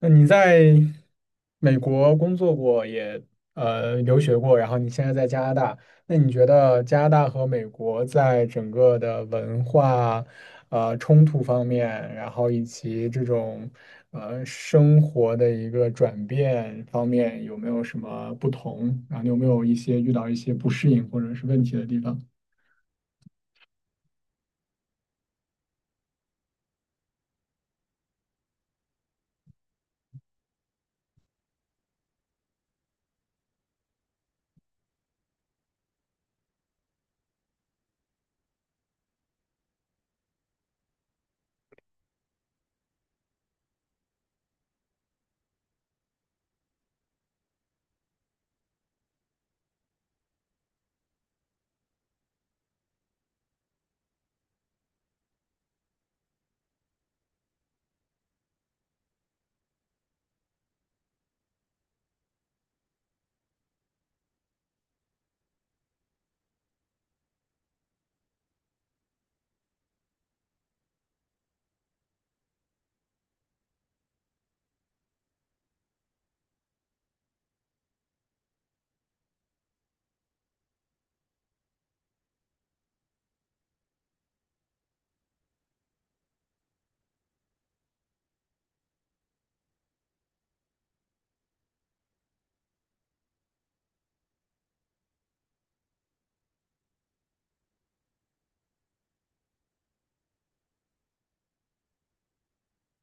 那你在美国工作过，也留学过，然后你现在在加拿大，那你觉得加拿大和美国在整个的文化冲突方面，然后以及这种生活的一个转变方面，有没有什么不同？然后你有没有一些遇到一些不适应或者是问题的地方？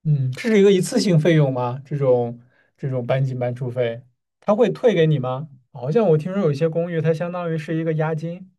嗯，这是一个一次性费用吗？这种搬进搬出费，他会退给你吗？好像我听说有一些公寓，它相当于是一个押金。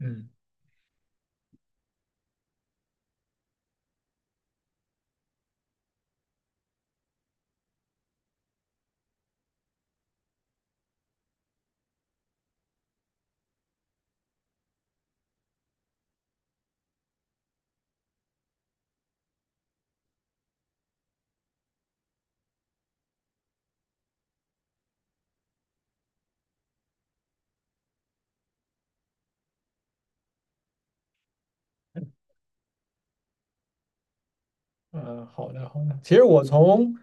嗯。嗯，好的好的。其实我从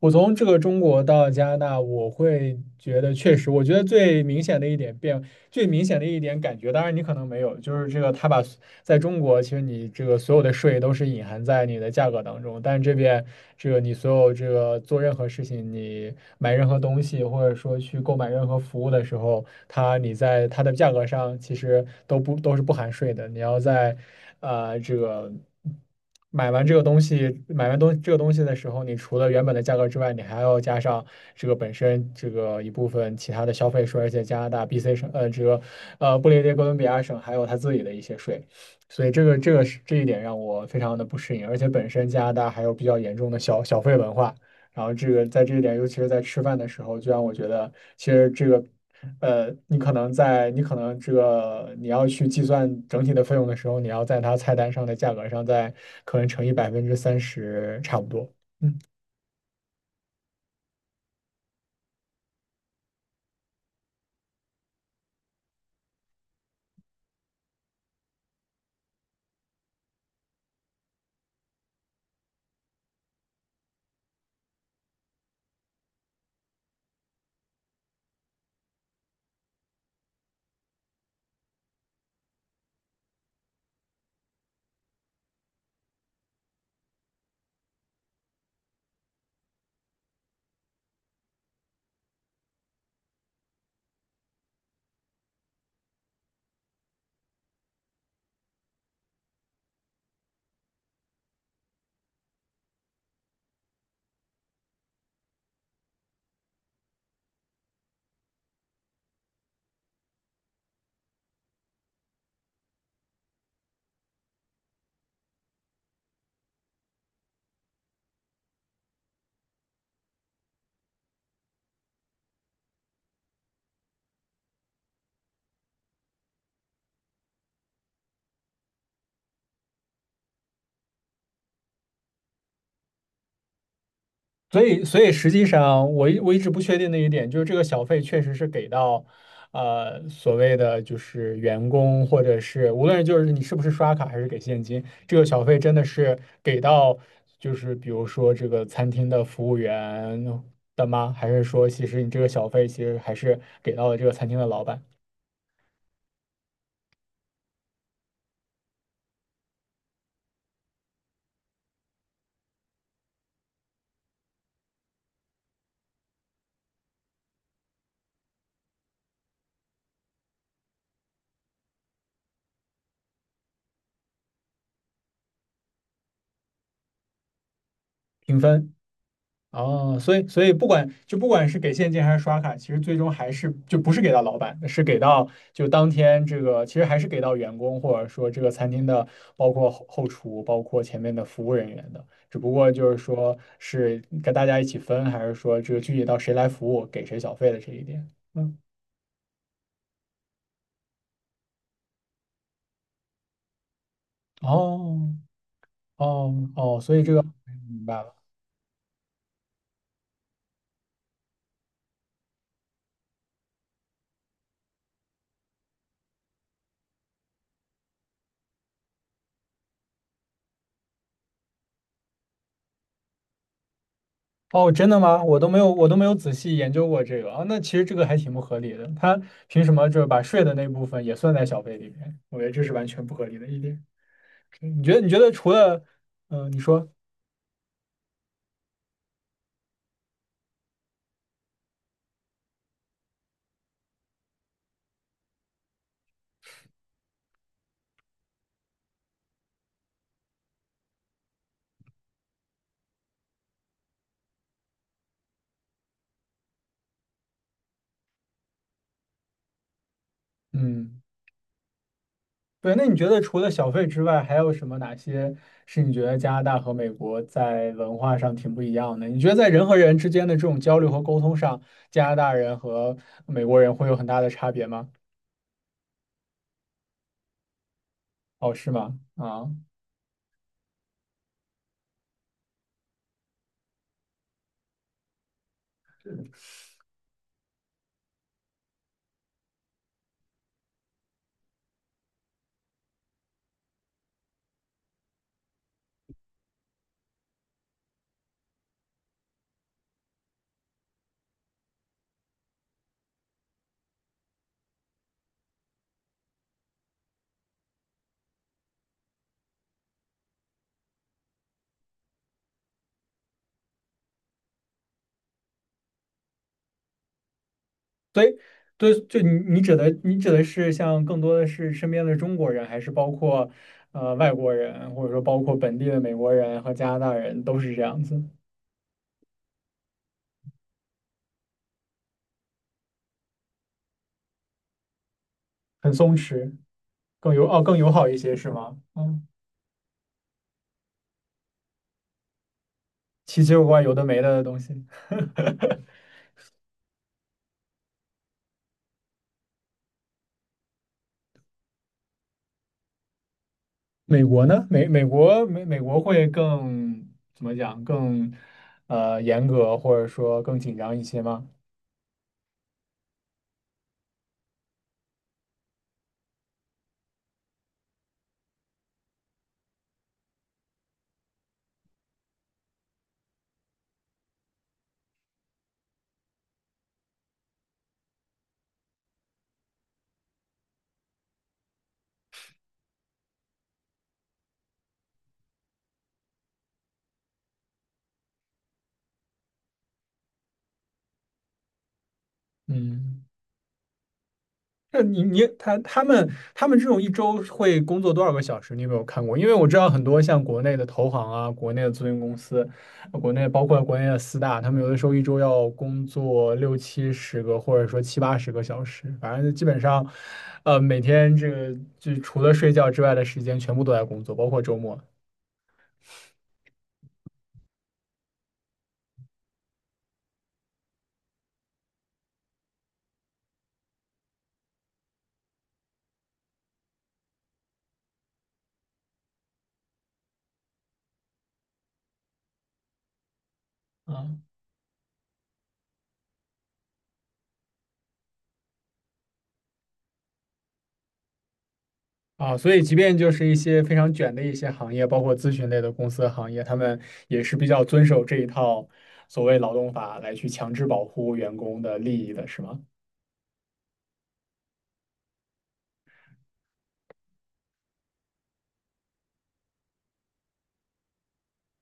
这个中国到加拿大，我会觉得确实，我觉得最明显的一点变，最明显的一点感觉，当然你可能没有，就是这个他把在中国，其实你这个所有的税都是隐含在你的价格当中，但是这边这个你所有这个做任何事情，你买任何东西或者说去购买任何服务的时候，它你在它的价格上其实都不都是不含税的，你要在啊这个。买完这个东西的时候，你除了原本的价格之外，你还要加上这个本身这个一部分其他的消费税，而且加拿大 BC 省，这个布列颠哥伦比亚省还有他自己的一些税，所以这个是这一点让我非常的不适应，而且本身加拿大还有比较严重的小费文化，然后这个在这一点，尤其是在吃饭的时候，就让我觉得其实这个。你可能在你可能这个你要去计算整体的费用的时候，你要在它菜单上的价格上再可能乘以30%差不多。所以实际上我一直不确定的一点就是这个小费确实是给到，所谓的就是员工或者是无论就是你是不是刷卡还是给现金，这个小费真的是给到就是比如说这个餐厅的服务员的吗？还是说其实你这个小费其实还是给到了这个餐厅的老板？评分。哦，所以不管就不管是给现金还是刷卡，其实最终还是就不是给到老板，是给到就当天这个，其实还是给到员工或者说这个餐厅的，包括后厨，包括前面的服务人员的，只不过就是说是跟大家一起分，还是说这个具体到谁来服务，给谁小费的这一点。嗯，哦哦哦，所以这个明白了。哦，真的吗？我都没有仔细研究过这个啊。那其实这个还挺不合理的，他凭什么就是把税的那部分也算在小费里面？我觉得这是完全不合理的一点。你觉得除了，嗯、你说，嗯，对，那你觉得除了小费之外，还有什么哪些是你觉得加拿大和美国在文化上挺不一样的？你觉得在人和人之间的这种交流和沟通上，加拿大人和美国人会有很大的差别吗？哦，是吗？啊。所以，对，就你指的，你指的是像更多的是身边的中国人，还是包括外国人，或者说包括本地的美国人和加拿大人，都是这样子，很松弛，更友好一些，是吗？嗯，奇奇怪怪有的没的的东西。美国呢？美国会更怎么讲？更严格，或者说更紧张一些吗？嗯。那你他们这种一周会工作多少个小时？你有没有看过？因为我知道很多像国内的投行啊，国内的咨询公司，国内包括国内的四大，他们有的时候一周要工作六七十个，或者说七八十个小时，反正基本上，每天这个就除了睡觉之外的时间全部都在工作，包括周末。啊。啊，所以即便就是一些非常卷的一些行业，包括咨询类的公司和行业，他们也是比较遵守这一套所谓劳动法来去强制保护员工的利益的，是吗？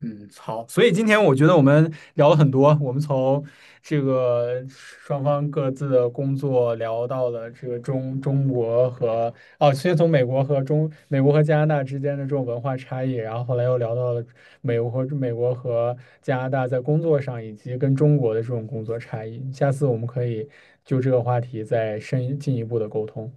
嗯，好，所以今天我觉得我们聊了很多，我们从这个双方各自的工作聊到了这个中国和哦，先从美国和加拿大之间的这种文化差异，然后后来又聊到了美国和加拿大在工作上以及跟中国的这种工作差异。下次我们可以就这个话题再深进一步的沟通。